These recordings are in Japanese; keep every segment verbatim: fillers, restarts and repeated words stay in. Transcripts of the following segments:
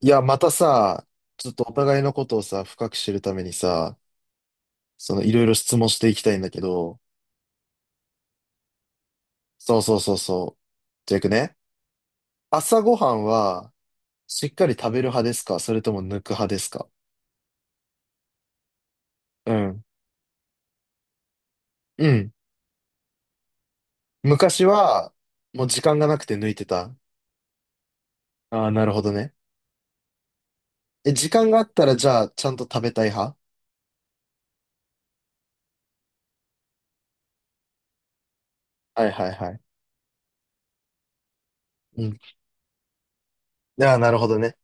いや、またさ、ちょっとお互いのことをさ、深く知るためにさ、そのいろいろ質問していきたいんだけど、そうそうそうそう。じゃあ行くね。朝ごはんは、しっかり食べる派ですか、それとも抜く派ですか？うん。うん。昔は、もう時間がなくて抜いてた。ああ、なるほどね。え、時間があったら、じゃあ、ちゃんと食べたい派？はいはいはい。うん。ああ、なるほどね。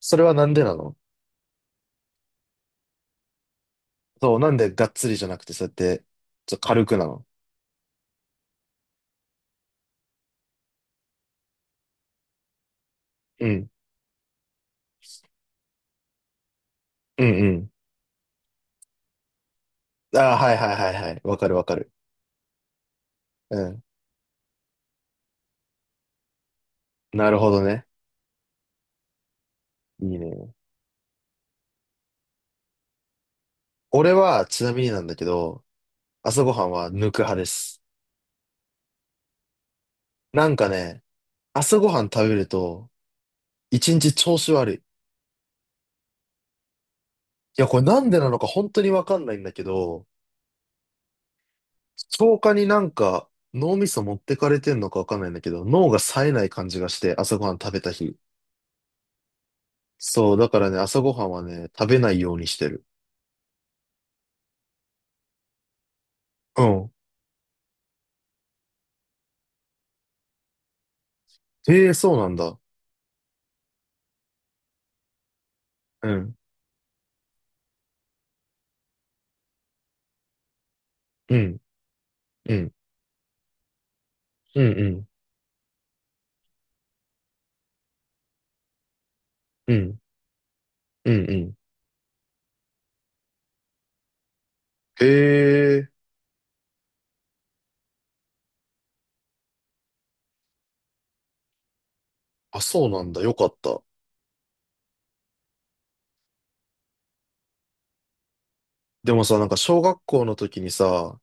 それはなんでなの？そう、なんでがっつりじゃなくて、そうやって、ちょっと軽くなの？うん。うんうん。ああ、はいはいはいはい。わかるわかる。うん。なるほどね。いいね。俺は、ちなみになんだけど、朝ごはんは抜く派です。なんかね、朝ごはん食べると、一日調子悪い。いや、これなんでなのか本当にわかんないんだけど、消化になんか脳みそ持ってかれてんのかわかんないんだけど、脳が冴えない感じがして、朝ごはん食べた日。そう、だからね、朝ごはんはね、食べないようにしてる。うん。へえ、そうなんだ。うん。うん。うん。うんうん。うん。うんうん。へえ、あ、そうなんだ。よかった。でもさ、なんか小学校の時にさ、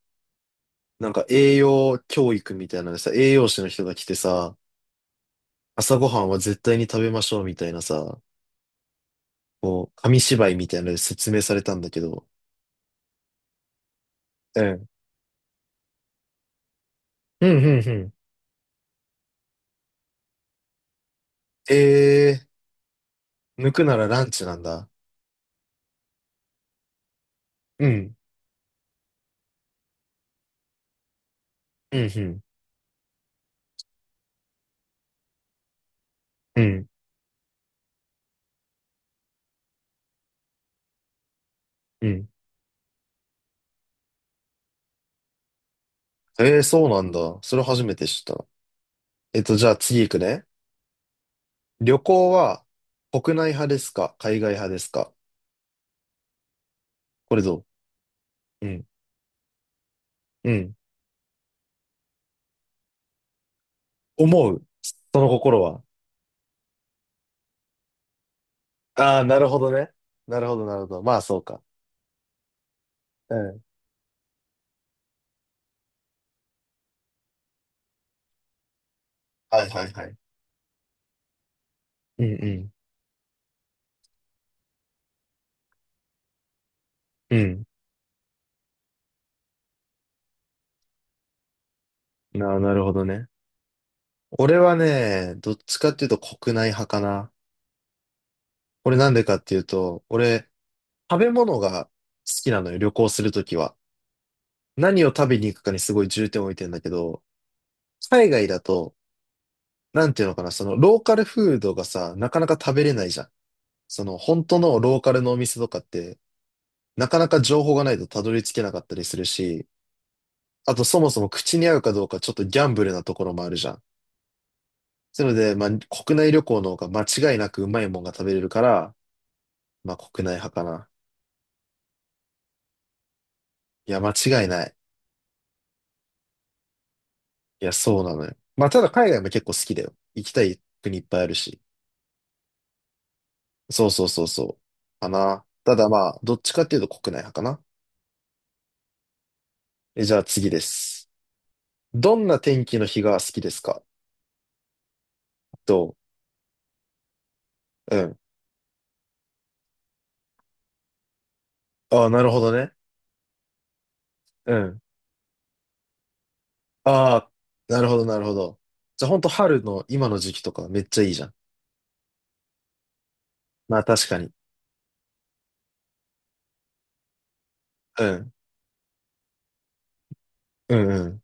なんか栄養教育みたいなのでさ、栄養士の人が来てさ、朝ごはんは絶対に食べましょうみたいなさ、こう、紙芝居みたいなので説明されたんだけど。うん。うん、うん、うん。えー、抜くならランチなんだ。うん。うん、うん。うん、うん。えー、そうなんだ。それ初めて知った。えっと、じゃあ次行くね。旅行は国内派ですか、海外派ですか？これどう？うん。うん、思う。その心は？ああ、なるほどね。なるほど、なるほど。まあ、そうか。うん。はいはいはい。うんうん。うん。な、なるほどね。俺はね、どっちかっていうと国内派かな。これなんでかっていうと、俺、食べ物が好きなのよ、旅行するときは。何を食べに行くかにすごい重点を置いてんだけど、海外だと、なんていうのかな、そのローカルフードがさ、なかなか食べれないじゃん。その本当のローカルのお店とかって、なかなか情報がないとたどり着けなかったりするし、あとそもそも口に合うかどうかちょっとギャンブルなところもあるじゃん。なので、まあ、国内旅行の方が間違いなくうまいもんが食べれるから、まあ、国内派かな。いや、間違いない。いや、そうなのよ。まあ、ただ海外も結構好きだよ。行きたい国いっぱいあるし。そうそうそうそう。かな。ただまあ、どっちかっていうと国内派かな。え、じゃあ次です。どんな天気の日が好きですか？と、うん。ああ、なるほどね。うん。ああ、なるほど、なるほど。じゃあ、ほんと春の今の時期とかめっちゃいいじゃん。まあ確かに。うん。うんうん。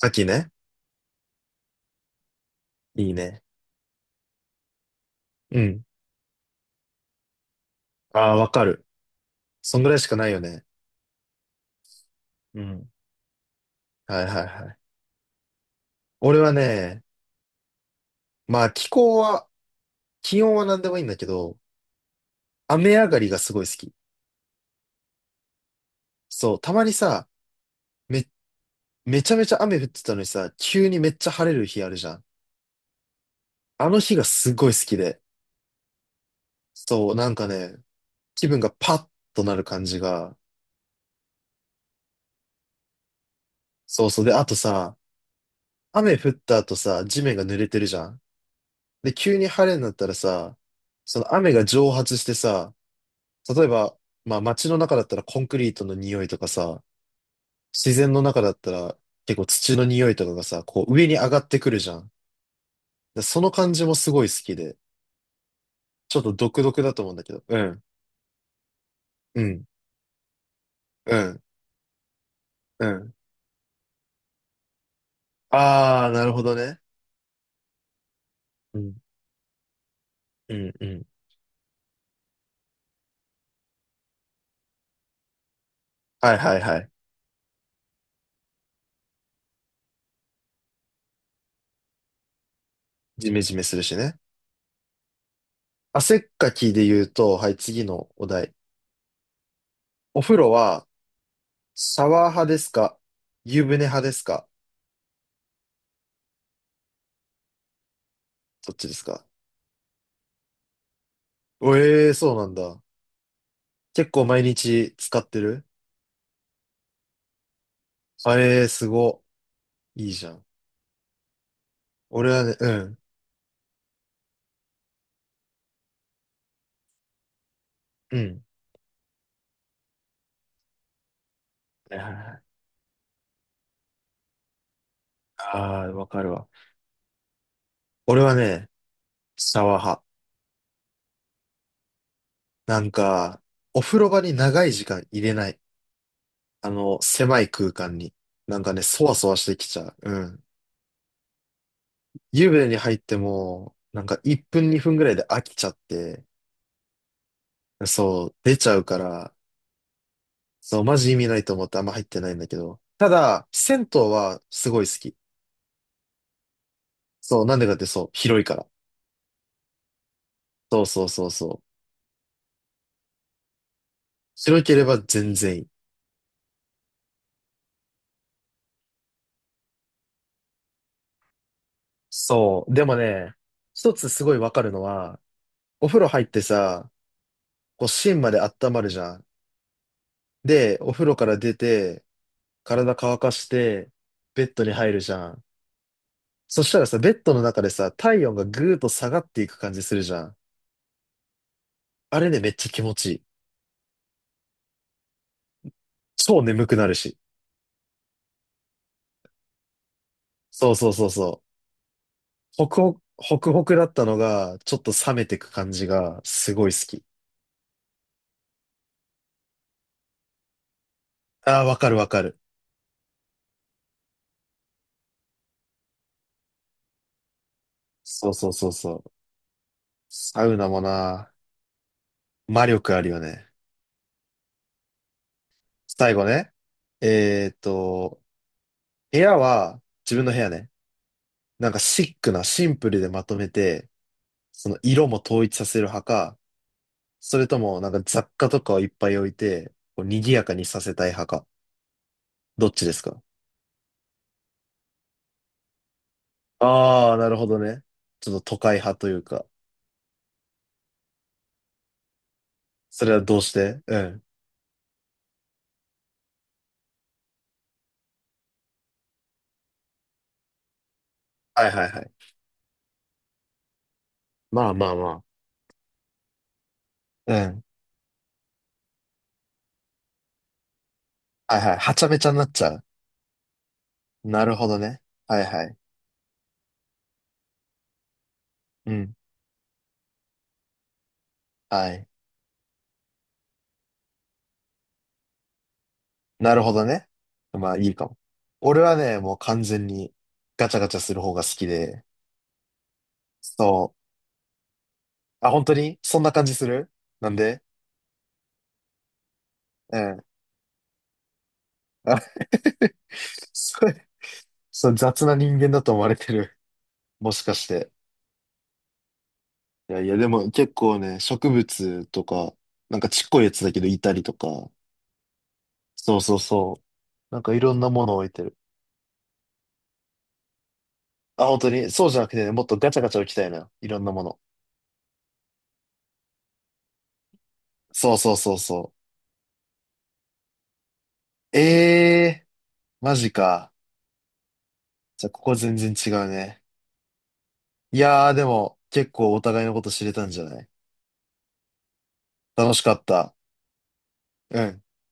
秋ね。いいね。うん。ああ、わかる。そんぐらいしかないよね。うん。はいはいはい。俺はね、まあ気候は、気温は何でもいいんだけど、雨上がりがすごい好き。そう、たまにさ、め、めちゃめちゃ雨降ってたのにさ、急にめっちゃ晴れる日あるじゃん。あの日がすごい好きで。そう、なんかね、気分がパッとなる感じが。そうそう。で、あとさ、雨降った後さ、地面が濡れてるじゃん。で、急に晴れになったらさ、その雨が蒸発してさ、例えば、まあ街の中だったらコンクリートの匂いとかさ、自然の中だったら結構土の匂いとかがさ、こう上に上がってくるじゃん。でその感じもすごい好きで、ちょっと独特だと思うんだけど。うん、うん、うん、うん。あー、なるほどね。うん、うん、うん。はいはいはい。ジメジメするしね。汗っかきで言うと、はい、次のお題。お風呂はシャワー派ですか、湯船派ですか？そっちですか。おええー、そうなんだ。結構毎日使ってる？あええー、すご。いいじゃん。俺はね、うん。うん。はいはいはい。ああー、わかるわ。俺はね、シャワー派。なんか、お風呂場に長い時間入れない。あの、狭い空間に。なんかね、そわそわしてきちゃう。うん。湯船に入っても、なんかいっぷんにふんぐらいで飽きちゃって、そう、出ちゃうから、そう、マジ意味ないと思ってあんま入ってないんだけど。ただ、銭湯はすごい好き。そう、なんでかって？そう、広いから。そうそうそうそう。広ければ全然いい。そう。でもね、一つすごいわかるのは、お風呂入ってさ、こう芯まで温まるじゃん。で、お風呂から出て、体乾かして、ベッドに入るじゃん。そしたらさ、ベッドの中でさ、体温がぐーっと下がっていく感じするじゃん。あれね、めっちゃ気持ちいい。超眠くなるし。そうそうそうそう。ホクホク、ホクホクだったのが、ちょっと冷めてく感じが、すごい好き。ああ、わかるわかる。そうそうそうそう。サウナもな、魔力あるよね。最後ね。えーっと、部屋は自分の部屋ね。なんかシックな、シンプルでまとめて、その色も統一させる派か、それともなんか雑貨とかをいっぱい置いて、こう賑やかにさせたい派か。どっちですか？ああー、なるほどね。ちょっと都会派というか。それはどうして？うん。はいはいはい。まあまあまあ。うん。はいはい。はちゃめちゃになっちゃう。なるほどね。はいはい。うん。はい。なるほどね。まあいいかも。俺はね、もう完全にガチャガチャする方が好きで。そう。あ、本当にそんな感じする？なんで？うん。あ、 それ、そう、雑な人間だと思われてる。もしかして。いやいや、でも結構ね、植物とか、なんかちっこいやつだけどいたりとか。そうそうそう。なんかいろんなものを置いてる。あ、本当にそうじゃなくてね、もっとガチャガチャ置きたいな。いろんなもの。そうそうそうそう。ええー、マジか。じゃあ、ここ全然違うね。いやー、でも、結構お互いのこと知れたんじゃない？楽しかった。うん。